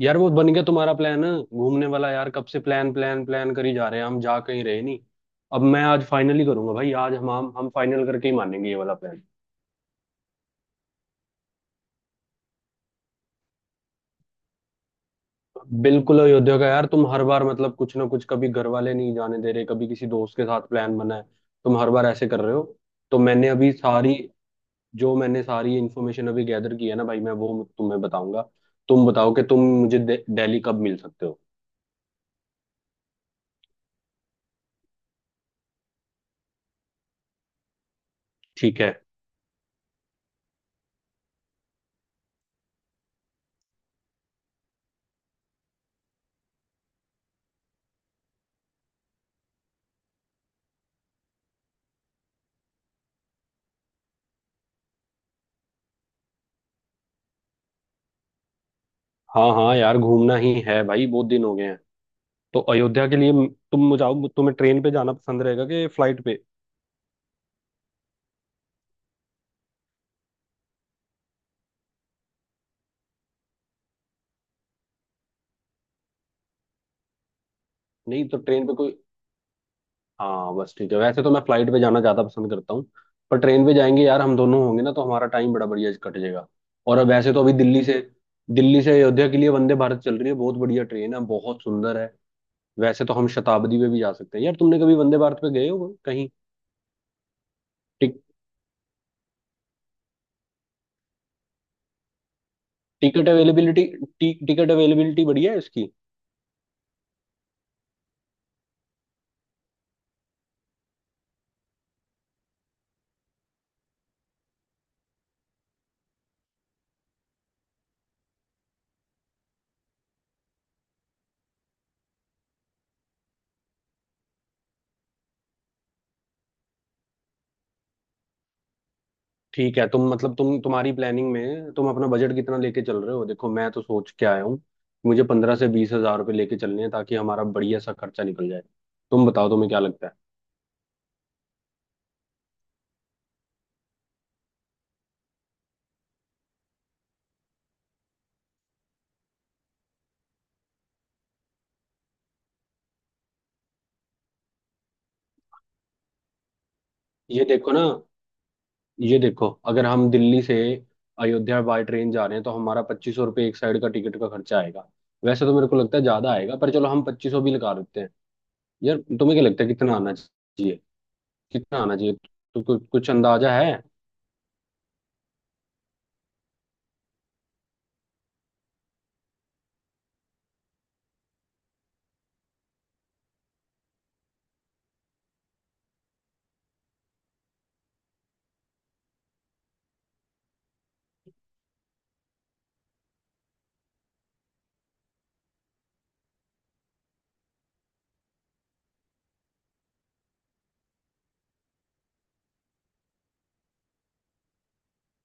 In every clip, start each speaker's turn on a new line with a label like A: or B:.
A: यार, वो बन गया तुम्हारा प्लान घूमने वाला? यार, कब से प्लान प्लान प्लान करी जा रहे हैं, हम जा कहीं रहे नहीं। अब मैं आज फाइनली करूंगा भाई। आज हम फाइनल करके ही मानेंगे, ये वाला प्लान। बिल्कुल अयोध्या का। यार, तुम हर बार मतलब कुछ ना कुछ, कभी घर वाले नहीं जाने दे रहे, कभी किसी दोस्त के साथ प्लान बना है। तुम हर बार ऐसे कर रहे हो। तो मैंने अभी सारी जो मैंने सारी इन्फॉर्मेशन अभी गैदर की है ना भाई, मैं वो तुम्हें बताऊंगा। तुम बताओ कि तुम मुझे दिल्ली कब मिल सकते हो। ठीक है। हाँ हाँ, यार घूमना ही है भाई, बहुत दिन हो गए हैं। तो अयोध्या के लिए तुम मुझे आओ, तुम्हें ट्रेन पे जाना पसंद रहेगा कि फ्लाइट पे? नहीं तो ट्रेन पे कोई, हाँ बस ठीक है। वैसे तो मैं फ्लाइट पे जाना ज्यादा पसंद करता हूँ, पर ट्रेन पे जाएंगे यार, हम दोनों होंगे ना तो हमारा टाइम बड़ा बढ़िया कट जाएगा। और अब वैसे तो अभी दिल्ली से अयोध्या के लिए वंदे भारत चल रही है, बहुत बढ़िया ट्रेन है, बहुत सुंदर है। वैसे तो हम शताब्दी पे भी जा सकते हैं। यार, तुमने कभी वंदे भारत पे गए हो कहीं? टिक, टिकट अवेलेबिलिटी टिकट अवेलेबिलिटी बढ़िया है इसकी। ठीक है। तुम तुम्हारी प्लानिंग में तुम अपना बजट कितना लेके चल रहे हो? देखो, मैं तो सोच के आया हूँ। मुझे 15 से 20 हज़ार रुपये लेके चलने हैं, ताकि हमारा बढ़िया सा खर्चा निकल जाए। तुम बताओ तुम्हें क्या लगता है? ये देखो ना, ये देखो, अगर हम दिल्ली से अयोध्या बाय ट्रेन जा रहे हैं तो हमारा 2,500 रुपये एक साइड का टिकट का खर्चा आएगा। वैसे तो मेरे को लगता है ज्यादा आएगा, पर चलो हम 2,500 भी लगा देते हैं। यार, तुम्हें क्या लगता है कितना आना चाहिए? कितना आना चाहिए, तो कुछ कुछ अंदाजा है?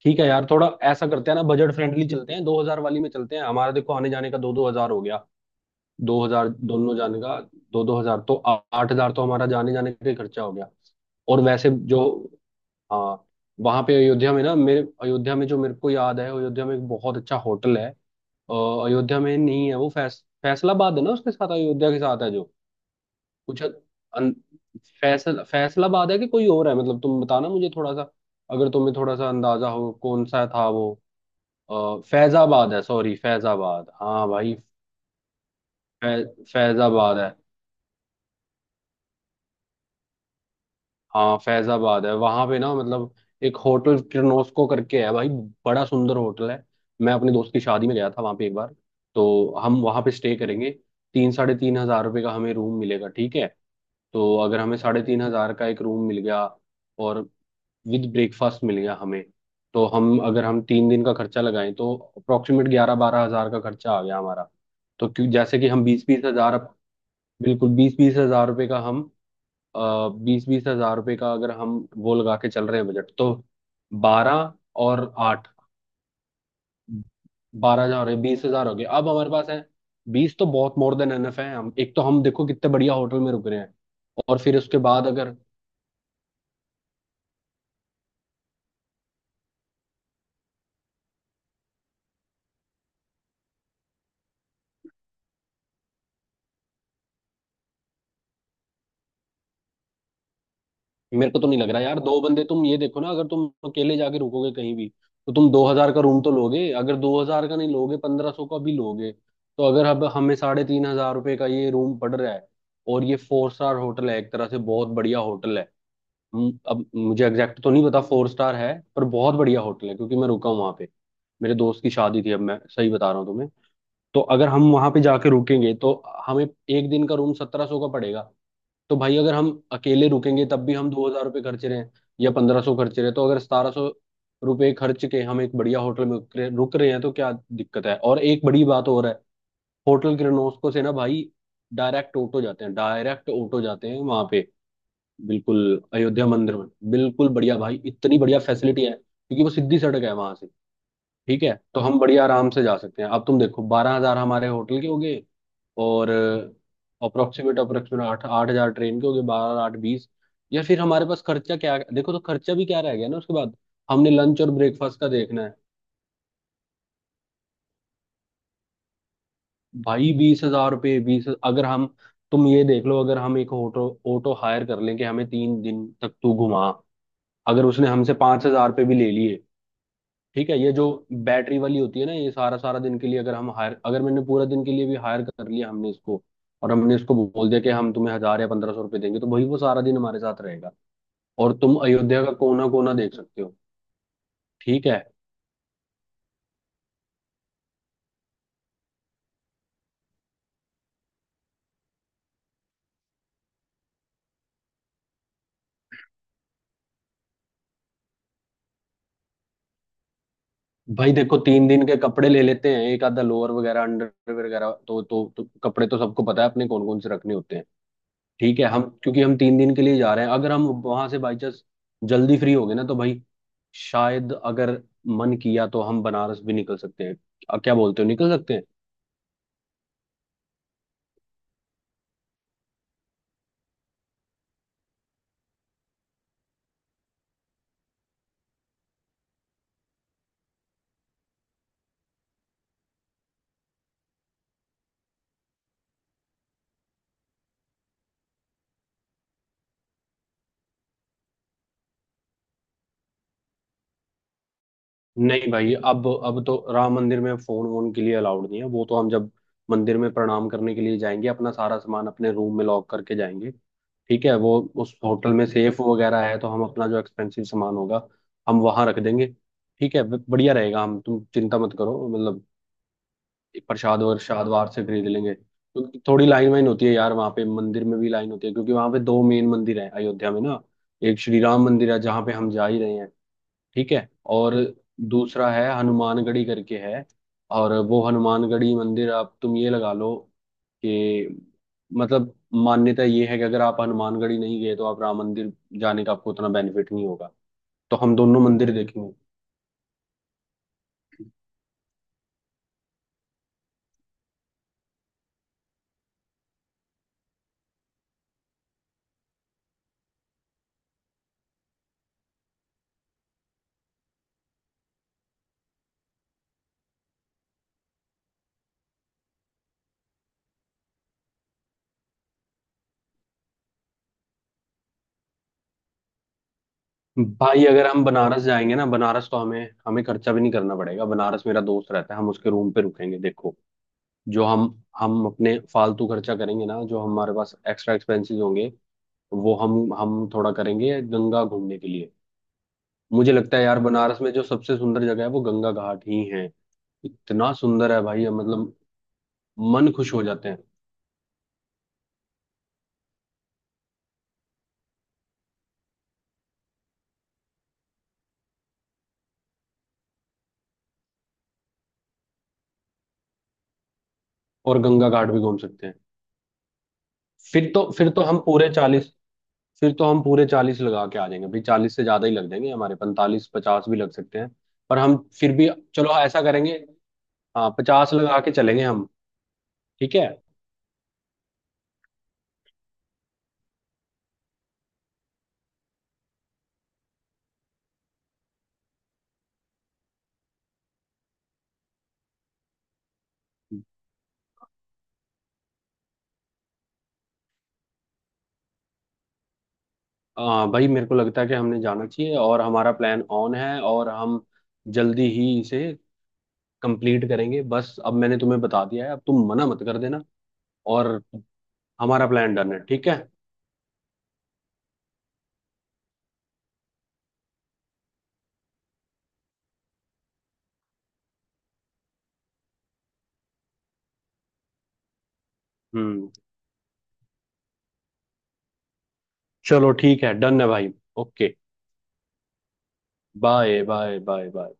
A: ठीक है यार, थोड़ा ऐसा करते हैं ना, बजट फ्रेंडली चलते हैं, 2,000 वाली में चलते हैं। हमारा देखो आने जाने का दो दो हजार हो गया। दो हजार दोनों जाने का। दो दो हजार तो आठ हजार तो हमारा जाने जाने का ही खर्चा हो गया। और वैसे जो, हाँ, वहां पे अयोध्या में ना, मेरे अयोध्या में जो मेरे को याद है अयोध्या में एक बहुत अच्छा होटल है। अ, अयोध्या में नहीं है वो फैसलाबाद है ना, उसके साथ अयोध्या के साथ है जो कुछ फैसलाबाद है, कि कोई और है, मतलब तुम बताना मुझे थोड़ा सा। अगर तुम्हें थोड़ा सा अंदाजा हो कौन सा था वो। और फैजाबाद है, सॉरी फैजाबाद, हाँ भाई। फै, फैजाबाद है। हाँ फैजाबाद है, वहां पे ना मतलब एक होटल किर्लोस्को करके है भाई। बड़ा सुंदर होटल है। मैं अपने दोस्त की शादी में गया था वहां पे एक बार, तो हम वहां पे स्टे करेंगे। तीन 3,500 रुपये का हमें रूम मिलेगा, ठीक है? तो अगर हमें 3,500 का एक रूम मिल गया और विद ब्रेकफास्ट मिल गया हमें, तो हम अगर हम 3 दिन का खर्चा लगाएं तो अप्रोक्सीमेट 11-12 हज़ार का खर्चा आ गया हमारा। तो क्यों, जैसे कि हम बीस बीस हजार, बिल्कुल बीस बीस हजार रुपए का हम, बीस बीस हजार रुपए का अगर हम वो लगा के चल रहे हैं बजट, तो बारह और आठ, बारह हजार हो रहे, 20,000 हो गए। अब हमारे पास है बीस, तो बहुत मोर देन एनफ है। हम एक, तो हम देखो कितने बढ़िया होटल में रुक रहे हैं। और फिर उसके बाद अगर, मेरे को तो नहीं लग रहा यार, दो बंदे, तुम ये देखो ना, अगर तुम अकेले जाके रुकोगे कहीं भी तो तुम 2,000 का रूम तो लोगे, अगर दो हजार का नहीं लोगे 1,500 का भी लोगे। तो अगर अब हमें 3,500 रुपए का ये रूम पड़ रहा है, और ये फोर स्टार होटल है, एक तरह से बहुत बढ़िया होटल है। अब मुझे एग्जैक्ट तो नहीं पता फोर स्टार है, पर बहुत बढ़िया होटल है क्योंकि मैं रुका हूँ वहां पे, मेरे दोस्त की शादी थी। अब मैं सही बता रहा हूँ तुम्हें। तो अगर हम वहां पे जाके रुकेंगे तो हमें एक दिन का रूम 1,700 का पड़ेगा। तो भाई, अगर हम अकेले रुकेंगे तब भी हम 2,000 रुपये खर्च रहे हैं या 1,500 खर्च रहे हैं, तो अगर 1,700 रुपए खर्च के हम एक बढ़िया होटल में रुक रहे हैं तो क्या दिक्कत है। और एक बड़ी बात और है, होटल किरणोस्को से ना भाई डायरेक्ट ऑटो जाते हैं वहां पे, बिल्कुल अयोध्या मंदिर में। बिल्कुल बढ़िया भाई, इतनी बढ़िया फैसिलिटी है, क्योंकि वो सीधी सड़क है वहां से। ठीक है, तो हम बढ़िया आराम से जा सकते हैं। अब तुम देखो, 12,000 हमारे होटल के हो गए, और अप्रोक्सीमेट, अप्रोक्सीमेट आठ आठ हजार ट्रेन के हो गए, बारह आठ बीस। या फिर हमारे पास खर्चा, क्या देखो, तो खर्चा भी क्या रह गया ना उसके बाद। हमने लंच और ब्रेकफास्ट का देखना है। भाई 20,000 रुपये, बीस अगर हम, तुम ये देख लो अगर हम एक ऑटो ऑटो हायर कर लें कि हमें 3 दिन तक तू घुमा, अगर उसने हमसे 5,000 रुपये भी ले लिए, ठीक है? ये जो बैटरी वाली होती है ना, ये सारा सारा दिन के लिए अगर हम हायर, अगर मैंने पूरा दिन के लिए भी हायर कर लिया हमने इसको, और हमने इसको बोल दिया कि हम तुम्हें 1,000 या 1,500 रुपये देंगे, तो भाई वो सारा दिन हमारे साथ रहेगा, और तुम अयोध्या का कोना कोना देख सकते हो। ठीक है। भाई देखो 3 दिन के कपड़े ले लेते हैं, एक आधा लोअर वगैरह, अंडर वगैरह, तो कपड़े तो सबको पता है अपने कौन कौन से रखने होते हैं। ठीक है, हम क्योंकि हम 3 दिन के लिए जा रहे हैं, अगर हम वहां से बाई चांस जल्दी फ्री हो गए ना, तो भाई, शायद अगर मन किया तो हम बनारस भी निकल सकते हैं। क्या बोलते हो, निकल सकते हैं? नहीं भाई, अब तो राम मंदिर में फोन वोन के लिए अलाउड नहीं है। वो तो हम जब मंदिर में प्रणाम करने के लिए जाएंगे, अपना सारा सामान अपने रूम में लॉक करके जाएंगे। ठीक है, वो उस होटल में सेफ वगैरह है, तो हम अपना जो एक्सपेंसिव सामान होगा हम वहां रख देंगे। ठीक है, बढ़िया रहेगा, हम, तुम चिंता मत करो मतलब। प्रसाद और श्राद्ध बाहर से खरीद लेंगे, क्योंकि थोड़ी लाइन वाइन होती है यार वहाँ पे, मंदिर में भी लाइन होती है, क्योंकि वहाँ पे दो मेन मंदिर है अयोध्या में ना। एक श्री राम मंदिर है जहाँ पे हम जा ही रहे हैं। ठीक है। और दूसरा है हनुमानगढ़ी करके है। और वो हनुमानगढ़ी मंदिर, आप, तुम ये लगा लो कि, मतलब, मान्यता ये है कि अगर आप हनुमानगढ़ी नहीं गए तो आप राम मंदिर जाने का आपको उतना बेनिफिट नहीं होगा। तो हम दोनों मंदिर देखेंगे। भाई अगर हम बनारस जाएंगे ना, बनारस तो हमें हमें खर्चा भी नहीं करना पड़ेगा, बनारस मेरा दोस्त रहता है, हम उसके रूम पे रुकेंगे। देखो जो हम, अपने फालतू खर्चा करेंगे ना, जो हमारे पास एक्स्ट्रा एक्सपेंसेस होंगे वो हम थोड़ा करेंगे गंगा घूमने के लिए। मुझे लगता है यार, बनारस में जो सबसे सुंदर जगह है वो गंगा घाट ही है। इतना सुंदर है भाई, मतलब मन खुश हो जाते हैं। और गंगा घाट भी घूम सकते हैं। फिर तो हम पूरे 40, फिर तो हम पूरे चालीस लगा के आ जाएंगे भाई। 40 से ज्यादा ही लग जाएंगे, हमारे 45-50 भी लग सकते हैं। पर हम फिर भी, चलो हाँ, ऐसा करेंगे। हाँ, 50 लगा के चलेंगे हम। ठीक है। भाई मेरे को लगता है कि हमने जाना चाहिए, और हमारा प्लान ऑन है, और हम जल्दी ही इसे कंप्लीट करेंगे। बस अब मैंने तुम्हें बता दिया है, अब तुम मना मत कर देना। और हमारा प्लान डन है, ठीक है। हम्म। चलो ठीक है, डन है भाई। Okay. Bye bye bye bye.